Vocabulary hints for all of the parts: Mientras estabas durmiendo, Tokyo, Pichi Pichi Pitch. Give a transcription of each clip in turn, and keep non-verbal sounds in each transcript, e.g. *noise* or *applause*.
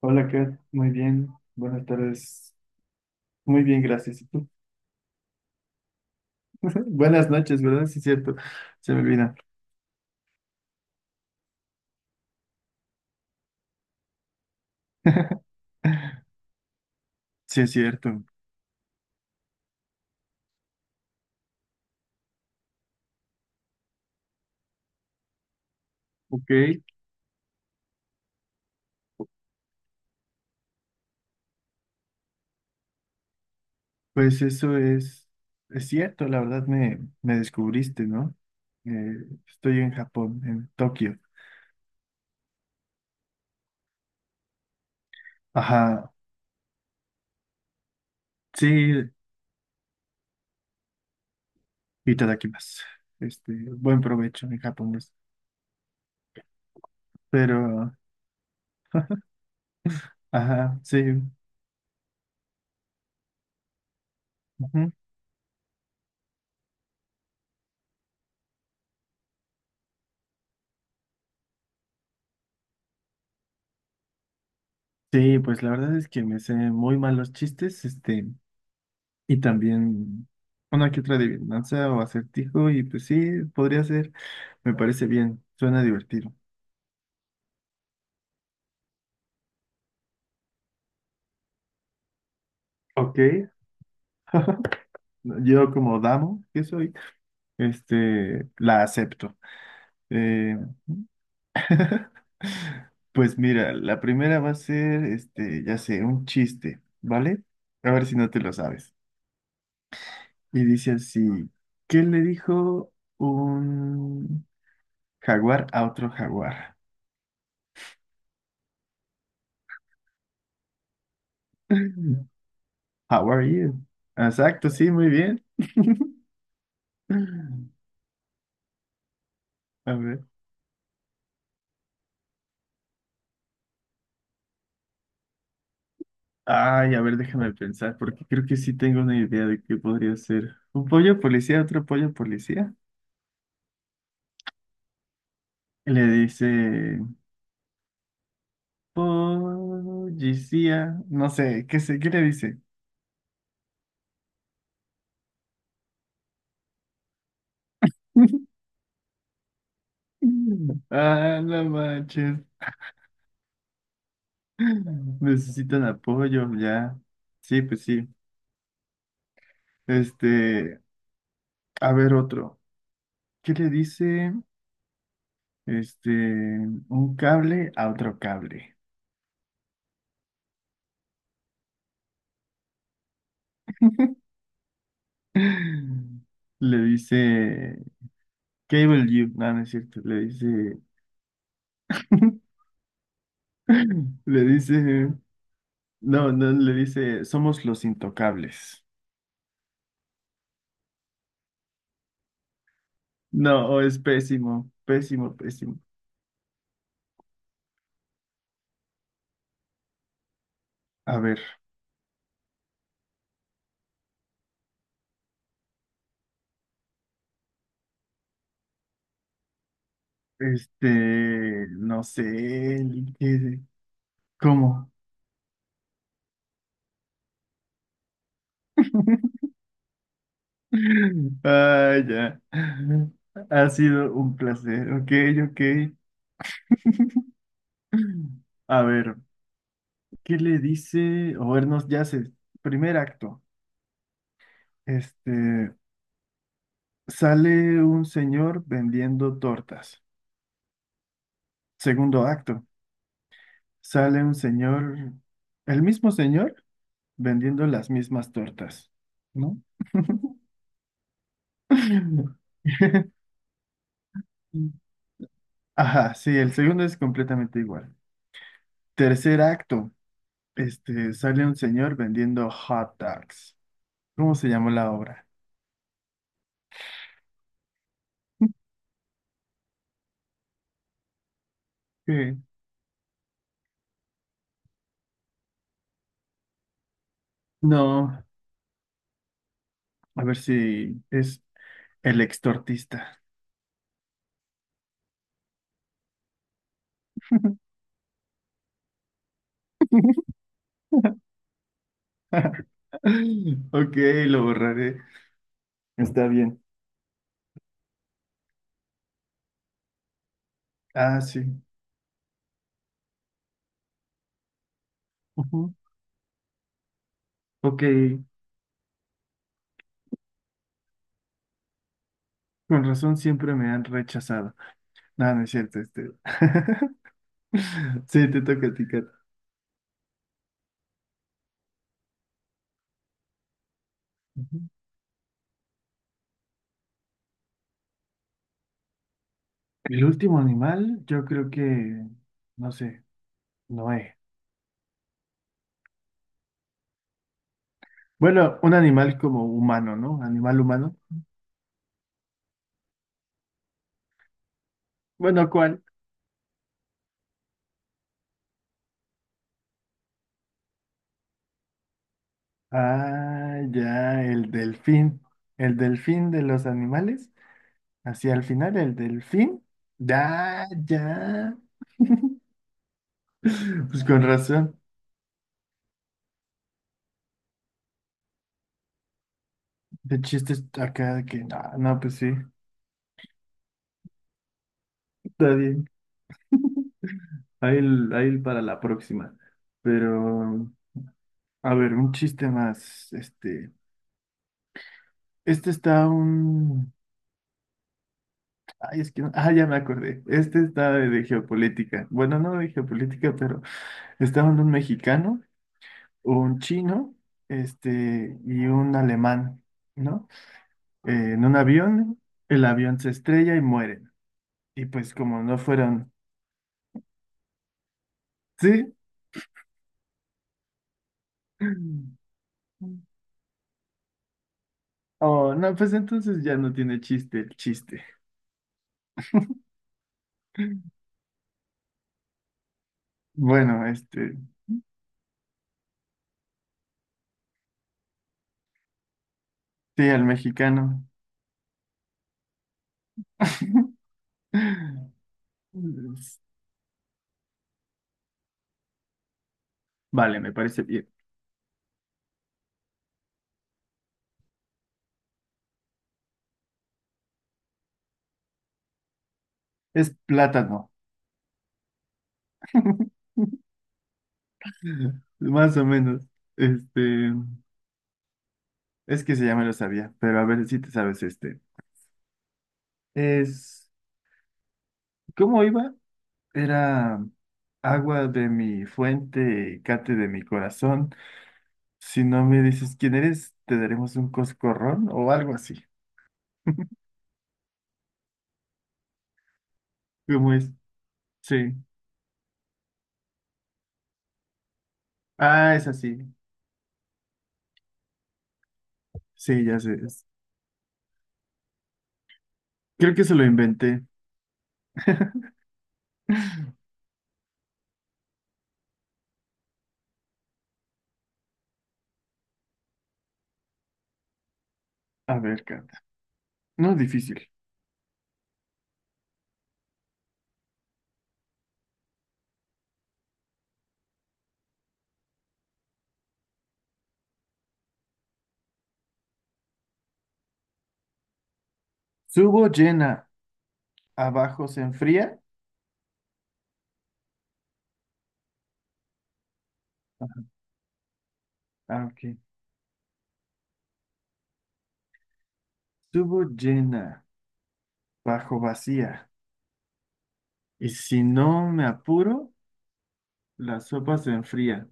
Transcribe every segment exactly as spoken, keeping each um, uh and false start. Hola, Kat. Muy bien. Buenas tardes. Muy bien, gracias. ¿Y tú? *laughs* Buenas noches, ¿verdad? Sí, es cierto. Se me olvida. *laughs* Sí, es cierto. Ok, pues eso es, es cierto. La verdad me, me descubriste, ¿no? Eh, estoy en Japón, en Tokio. Ajá. Sí, y más. Este, buen provecho en japonés. Pero, *laughs* ajá, sí. Ujú. Sí, pues la verdad es que me sé muy mal los chistes. Este. Y también una que otra adivinanza o acertijo, y pues sí, podría ser, me parece bien, suena divertido. Ok. *laughs* Yo como damo que soy, este, la acepto. Eh, *laughs* pues mira, la primera va a ser, este, ya sé, un chiste, ¿vale? A ver si no te lo sabes. Y dice así, ¿qué le dijo un jaguar a otro jaguar? *laughs* How are you? Exacto, sí, muy bien. *laughs* A ver. Ay, a ver, déjame pensar, porque creo que sí tengo una idea de qué podría ser. Un pollo policía, otro pollo policía. Le dice, policía, no sé, ¿qué sé, qué le dice? *laughs* Ah, no manches. Necesitan apoyo, ya. Sí, pues sí. Este, a ver otro. ¿Qué le dice? Este, un cable a otro cable. *laughs* Le dice Cable You, no, no es cierto, le dice, *laughs* le dice, no, no, le dice, somos los intocables. No, oh, es pésimo, pésimo, pésimo. A ver, este, no sé, ¿qué- ¿cómo? *laughs* Ah, ya. Ha sido un placer, ok, ok. *laughs* A ver, ¿qué le dice? O vernos ya sé, primer acto. Este, sale un señor vendiendo tortas. Segundo acto, sale un señor, el mismo señor vendiendo las mismas tortas, ¿no? *laughs* Ajá, sí, el segundo es completamente igual. Tercer acto, este, sale un señor vendiendo hot dogs. ¿Cómo se llamó la obra? *laughs* Sí. No, a ver si es el extortista. *laughs* *laughs* Ok, lo borraré. Está bien. Ah, sí. Ujú. Ok, con razón siempre me han rechazado. No, no es cierto, este. *laughs* Sí, te toca a ti, Kat. Ujú. El último animal, yo creo que, no sé, Noé. Bueno, un animal como humano, ¿no? Animal humano. Bueno, ¿cuál? Ah, ya, el delfín. El delfín de los animales. Así al final, el delfín. Ya, ya. Pues con razón. De chistes acá de que, no, no, pues sí, está bien. Ahí, el- ahí el para la próxima. Pero, a ver, un chiste más. Este, este está un. Ay, es que no- ah, ya me acordé. Este está de, de geopolítica. Bueno, no de geopolítica, pero estaban un mexicano, un chino, este, y un alemán, ¿no? Eh, en un avión, el avión se estrella y mueren. Y pues, como no fueron. Sí. *laughs* Oh, no, pues entonces ya no tiene chiste el chiste. *laughs* Bueno, este, sí, al mexicano. *laughs* Vale, me parece bien. Es plátano. *laughs* Más o menos. Este, es que se ya me lo sabía, pero a ver si te sabes este. Es, ¿cómo iba? Era agua de mi fuente, cate de mi corazón. Si no me dices quién eres, te daremos un coscorrón o algo así. ¿Cómo es? Sí. Ah, es así. Sí, ya sé. Es- creo que se lo inventé. A ver, Cata. No es difícil. Subo llena, abajo se enfría. Ah, ok. Subo llena, bajo vacía. Y si no me apuro, la sopa se enfría.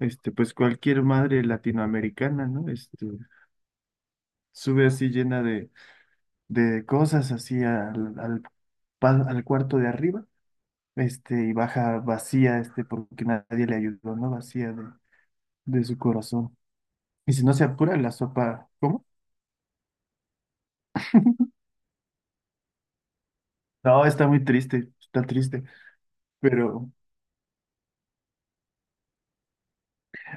Este, pues cualquier madre latinoamericana, ¿no? Este, sube así llena de, de cosas, así al, al, pa- al cuarto de arriba. Este, y baja vacía, este, porque nadie le ayudó, ¿no? Vacía de, de su corazón. Y si no se apura la sopa, ¿cómo? No, está muy triste, está triste. Pero,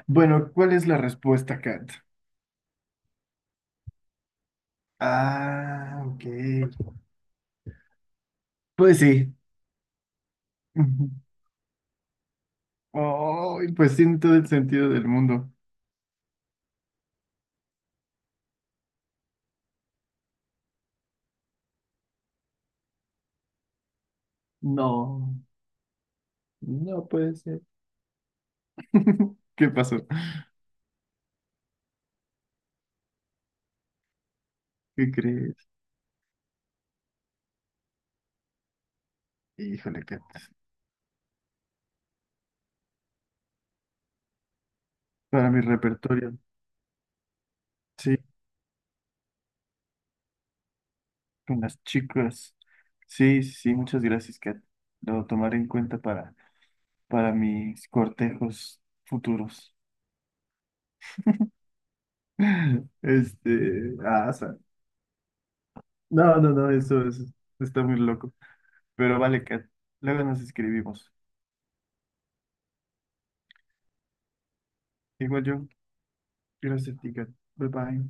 bueno, ¿cuál es la respuesta, Kat? Ah, ok. Pues sí. Oh, pues tiene todo el sentido del mundo. No, no puede ser. *laughs* ¿Qué pasó? ¿Qué crees? Híjole, Kat. Para mi repertorio. Sí, con las chicas. Sí, sí, sí, muchas gracias, Kat. Lo tomaré en cuenta para, para mis cortejos futuros. *laughs* Este, ah, o sea, no, no, no, eso, es está muy loco. Pero vale, Kat, luego nos escribimos. Igual yo, gracias a ti, Kat. Bye bye.